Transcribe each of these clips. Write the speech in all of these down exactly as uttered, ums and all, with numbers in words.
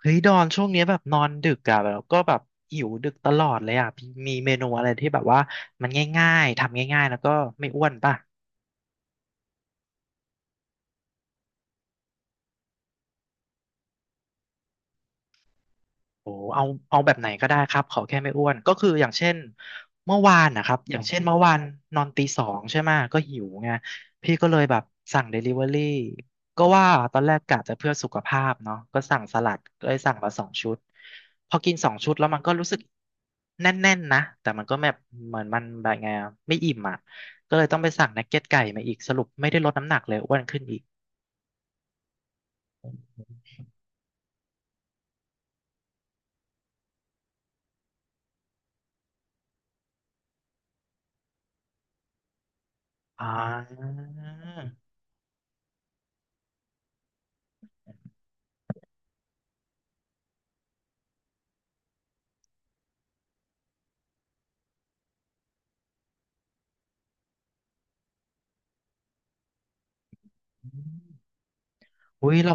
เฮ้ยดอนช่วงเนี้ยแบบนอนดึกอะแล้วก็แบบหิวดึกตลอดเลยอะพี่มีเมนูอะไรที่แบบว่ามันง่ายๆทำง่ายๆแล้วก็ไม่อ้วนป่ะ โอ้เอาเอาแบบไหนก็ได้ครับ ขอแค่ไม่อ้วน ก็คืออย่างเช่นเมื่อวานนะครับ อย่างเช่นเมื่อวานนอนตีสองใช่ไหม ก็หิวไง พี่ก็เลยแบบสั่งเดลิเวอรี่ก็ว่าตอนแรกกะจะเพื่อสุขภาพเนาะก็สั่งสลัดก็เลยสั่งมาสองชุด พอกินสองชุดแล้วมันก็รู้สึกแน่นๆนะ แต่มันก็แบบเหมือนมันแบบไงอะไม่อิ่มอ่ะ ก็เลยต้องไปสั่งนักเก็ตไก่มาอีกสรุปไม่ได้ลดน้ำหนักเลยอ้วนขึ้นอีกอ่า อุ้ยเรา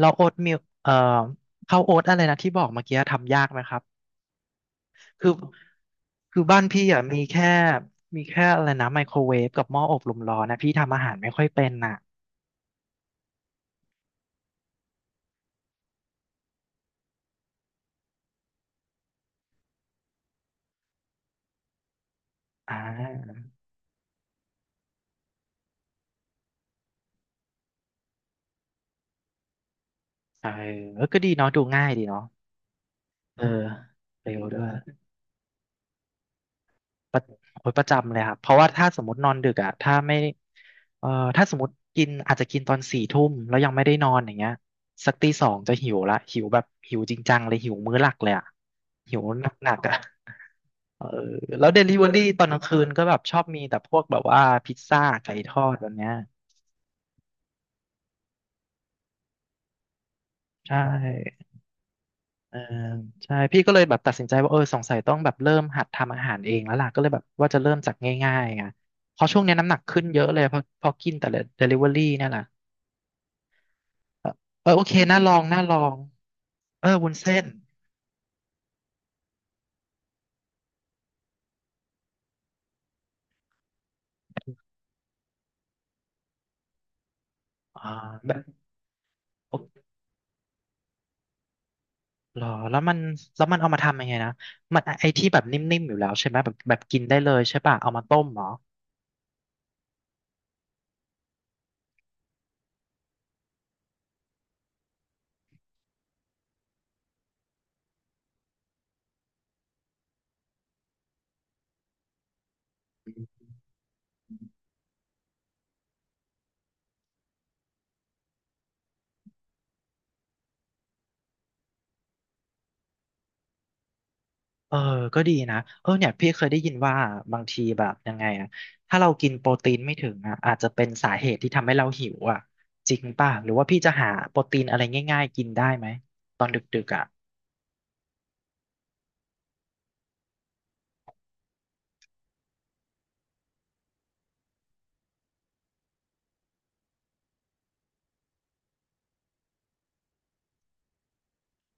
เราโอ๊ตมิลเอ่อข้าวโอ๊ตอะไรนะที่บอกเมื่อกี้ทำยากไหมครับ คือคือบ้านพี่อ่ะมีแค่มีแค่อะไรนะไมโครเวฟกับหม้ออบลมร้อนนะพี่ทำอาหารไม่ค่อยเป็นน่ะอ่าใช่เออก็ดีเนาะดูง่ายดีเนาะเออเร็วด้วยประโอ๊ยประจำเลยครับเพราะว่าถ้าสมมตินอนดึกอ่ะถ้าไม่เอ่อถ้าสมมติกินอาจจะกินตอนสี่ทุ่มแล้วยังไม่ได้นอนอย่างเงี้ยสักตีสองจะหิวละหิวแบบหิวจริงจังเลยหิวมื้อหลักเลยอ่ะหิวหนักๆอ่ะ เออแล้วเดลิเวอรี่ตอนกลางคืนก็แบบชอบมีแต่พวกแบบว่าพิซซ่าไก่ทอดแบบเนี้ยใช่เออใช่พี่ก็เลยแบบตัดสินใจว่าเออสงสัยต้องแบบเริ่มหัดทำอาหารเองแล้วล่ะก็เลยแบบว่าจะเริ่มจากง่ายๆไงเพราะช่วงเนี้ยน้ำหนักขึ้นเยอะเลยเพราะเพราะกินแต่เดลิเวอรี่เนี่ยแหละเออเออโอเคน่าลองน่าลองเออวุ้นเส้นอ่าแบบโอหรอแล้วมันแล้วมันเอามาทำยังไงนะมันไอที่แบบนิ่มๆอยู่แล้วใช่ไหมแบบแบบกินได้เลยใช่ป่ะเอามาต้มเหรอ เออก็ดีนะเออเนี่ยพี่เคยได้ยินว่าบางทีแบบยังไงอะถ้าเรากินโปรตีนไม่ถึงอะอาจจะเป็นสาเหตุที่ทำให้เราหิวอะจริงป่ะหรือว่าพี่จะหาโปรตีนอะไรง่ายๆกินได้ไหมตอนดึกๆอะ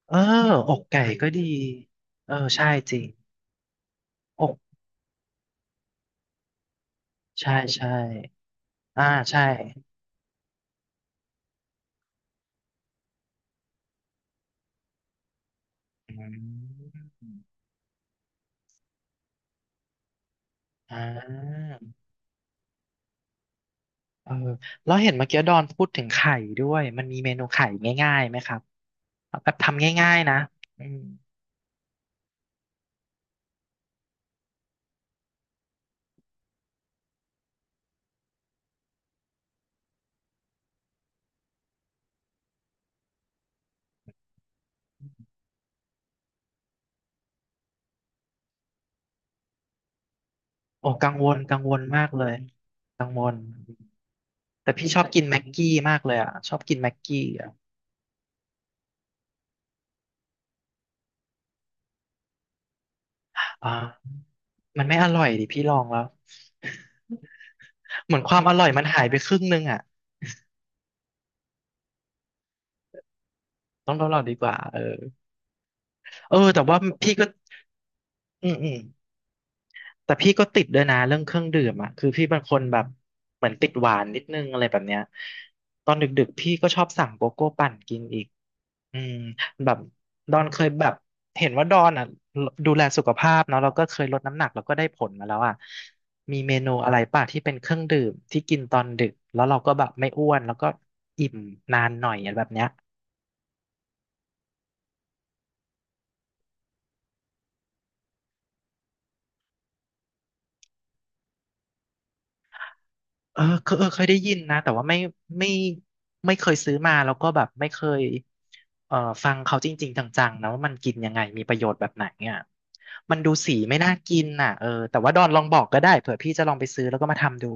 เอออกไก่ก็ดีเออใช่จริงอกใช่ใช่อ่าใช่อืมอ่าเออแล้วเห็นเมื่อกี้ดอนพูดถึงไข่ด้วยมันมีเมนูไข่ง่ายๆไหมครับแบบทำง่ายๆนะอืม โอ้กังวลกังวลมากเลยกังวลแต่พี่ชอบกินแม็กกี้มากเลยอ่ะชอบกินแม็กกี้อ่ะอ่ามันไม่อร่อยดิพี่ลองแล้ว เหมือนความอร่อยมันหายไปครึ่งนึงอ่ะต้องลองดีกว่าเออเออแต่ว่าพี่ก็อืมอืมแต่พี่ก็ติดด้วยนะเรื่องเครื่องดื่มอ่ะคือพี่เป็นคนแบบเหมือนติดหวานนิดนึงอะไรแบบเนี้ยตอนดึกๆพี่ก็ชอบสั่งโกโก้ปั่นกินอีก อืมแบบดอนเคยแบบเห็นว่าดอนอ่ะดูแลสุขภาพเนาะแล้วก็เคยลดน้ำหนักแล้วก็ได้ผลมาแล้วอ่ะมีเมนูอะไรป่ะที่เป็นเครื่องดื่มที่กินตอนดึกแล้วเราก็แบบไม่อ้วนแล้วก็อิ่มนานหน่อยอะไรแบบเนี้ยเออเคยเออเคยได้ยินนะแต่ว่าไม่ไม่ไม่เคยซื้อมาแล้วก็แบบไม่เคยเอ่อฟังเขาจริงๆจังๆนะว่ามันกินยังไงมีประโยชน์แบบไหนเนี่ยมันดูสีไม่น่ากินน่ะเออแต่ว่าดอนลองบอกก็ได้เผื่อพี่จะลองไปซื้อแล้วก็มาทำดู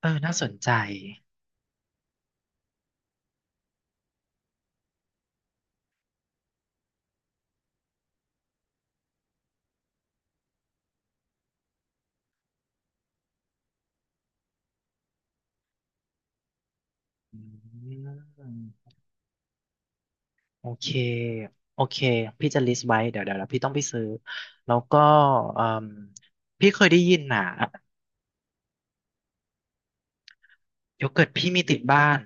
เออน่าสนใจอืมโอเคโอเค พี่จะ list ไว้ เดี๋ยวเดี๋ยวแล้วพี่ต้องไปซื้อ แล้วก็เอ่มพี่เคยได้ยินน่ะโยเกิร์ตพี่มีติดบ้าน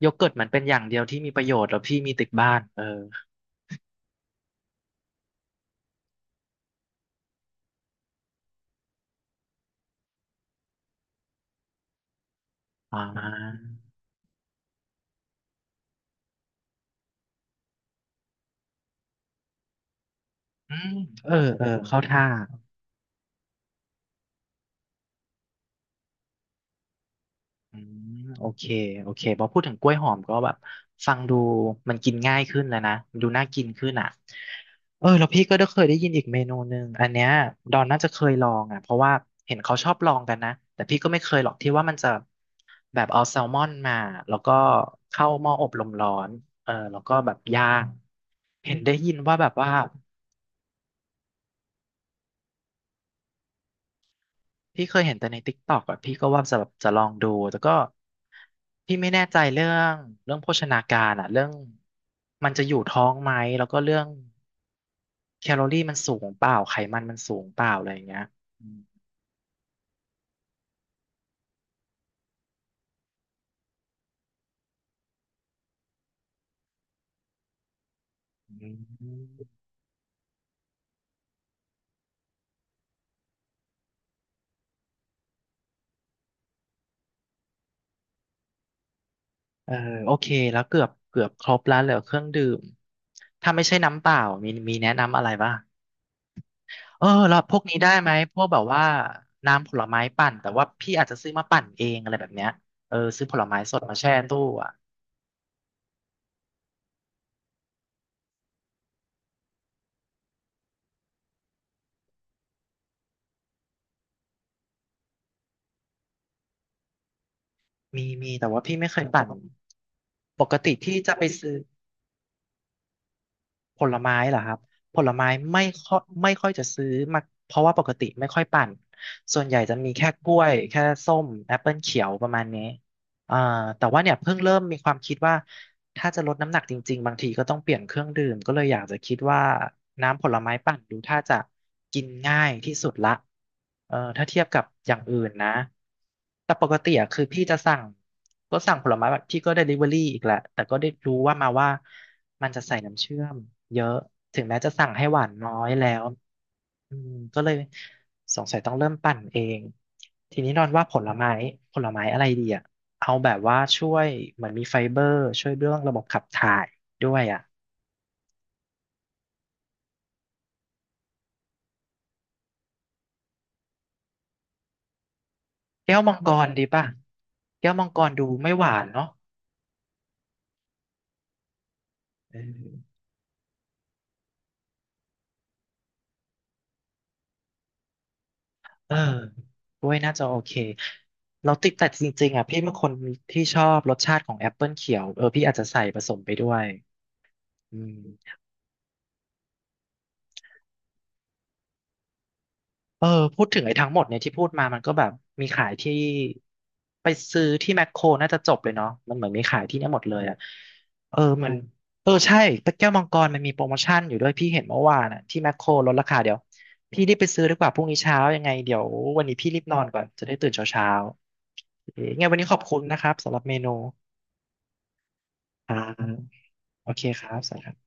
โยเกิร์ตมันเป็นอย่างเดียวที่มีประโยชน์แล้วพี่มีติดบ้านเอออ่าอืมเออเออเข้าท่า อืมโอเคโอเคพอพูดถึงกล้วยหอมก็แบบฟังดูมันกินง่ายขึ้นแล้วนะมันดูน่ากินขึ้นอ่ะเออแล้วพี่ก็ได้เคยได้ยินอีกเมนูหนึ่งอันเนี้ยดอนน่าจะเคยลองอ่ะเพราะว่าเห็นเขาชอบลองกันนะแต่พี่ก็ไม่เคยหรอกที่ว่ามันจะแบบเอาแซลมอนมาแล้วก็เข้าหม้ออบลมร้อนเออแล้วก็แบบย่างเห็นได้ยินว่าแบบว่า พี่เคยเห็นแต่ในทิกต็อก อ่ะพี่ก็ว่าจะแบบจะลองดูแต่ก็พี่ไม่แน่ใจเรื่องเรื่องโภชนาการอ่ะเรื่องมันจะอยู่ท้องไหมแล้วก็เรื่องแคลอรี่มันสูงเปล่าไขมันมันสูงเปล่าอะไรอย่างเงี้ยอืมอืมเออโอเคแล้วเกือบเกือบครบแล้วเหลือเครื่องดื่มถ้าไม่ใช่น้ำเปล่ามีมีแนะนำอะไรบ้างเออแล้วพวกนี้ได้ไหมพวกแบบว่าน้ำผลไม้ปั่นแต่ว่าพี่อาจจะซื้อมาปั่นเองอะไรแบบเนี้ยเออซื้อผลไม้สดมาแช่ตู้ มีมีแต่ว่าพี่ไม่เคยปั่นปกติที่จะไปซื้อผลไม้เหรอครับผลไม้ไม่ค่อยไม่ค่อยจะซื้อมาเพราะว่าปกติไม่ค่อยปั่นส่วนใหญ่จะมีแค่กล้วยแค่ส้มแอปเปิลเขียวประมาณนี้ อ่าแต่ว่าเนี่ยเพิ่งเริ่มมีความคิดว่าถ้าจะลดน้ำหนักจริงๆบางทีก็ต้องเปลี่ยนเครื่องดื่มก็เลยอยากจะคิดว่าน้ำผลไม้ปั่นดูถ้าจะกินง่ายที่สุดละเออถ้าเทียบกับอย่างอื่นนะแต่ปกติอะคือพี่จะสั่งก็สั่งผลไม้แบบพี่ก็ ดีลิเวอรี่ อีกแหละแต่ก็ได้รู้ว่ามาว่ามันจะใส่น้ำเชื่อมเยอะถึงแม้จะสั่งให้หวานน้อยแล้ว อืมก็เลยสงสัยต้องเริ่มปั่นเองทีนี้นอนว่าผลไม้ผลไม้อะไรดีอ่ะเอาแบบว่าช่วยเหมือนมีไฟเบอร์ช่วยเรื่องระบบขับถ่ายด้วยอ่ะแก้วมังกรดีป่ะแก้วมังกรดูไม่หวานเนาะเออเออกล้วยน่าจะโอเคเราติดแต่จริงๆอ่ะพี่เป็นคนที่ชอบรสชาติของแอปเปิลเขียวเออพี่อาจจะใส่ผสมไปด้วยอืม เออพูดถึงไอ้ทั้งหมดเนี่ยที่พูดมามันก็แบบมีขายที่ไปซื้อที่แมคโครน่าจะจบเลยเนาะมันเหมือนมีขายที่เนี่ยหมดเลยอ่ะเออมันเออใช่ตะแก้วมังกรมันมีโปรโมชั่นอยู่ด้วยพี่เห็นเมื่อวานอ่ะที่แมคโครลดราคาเดี๋ยวพี่รีบไปซื้อดีกว่าพรุ่งนี้เช้ายังไงเดี๋ยววันนี้พี่รีบนอนก่อนจะได้ตื่นเช้าเช้าไงวันนี้ขอบคุณนะครับสำหรับเมนูอ่าโอเคครับสวัสดีครับ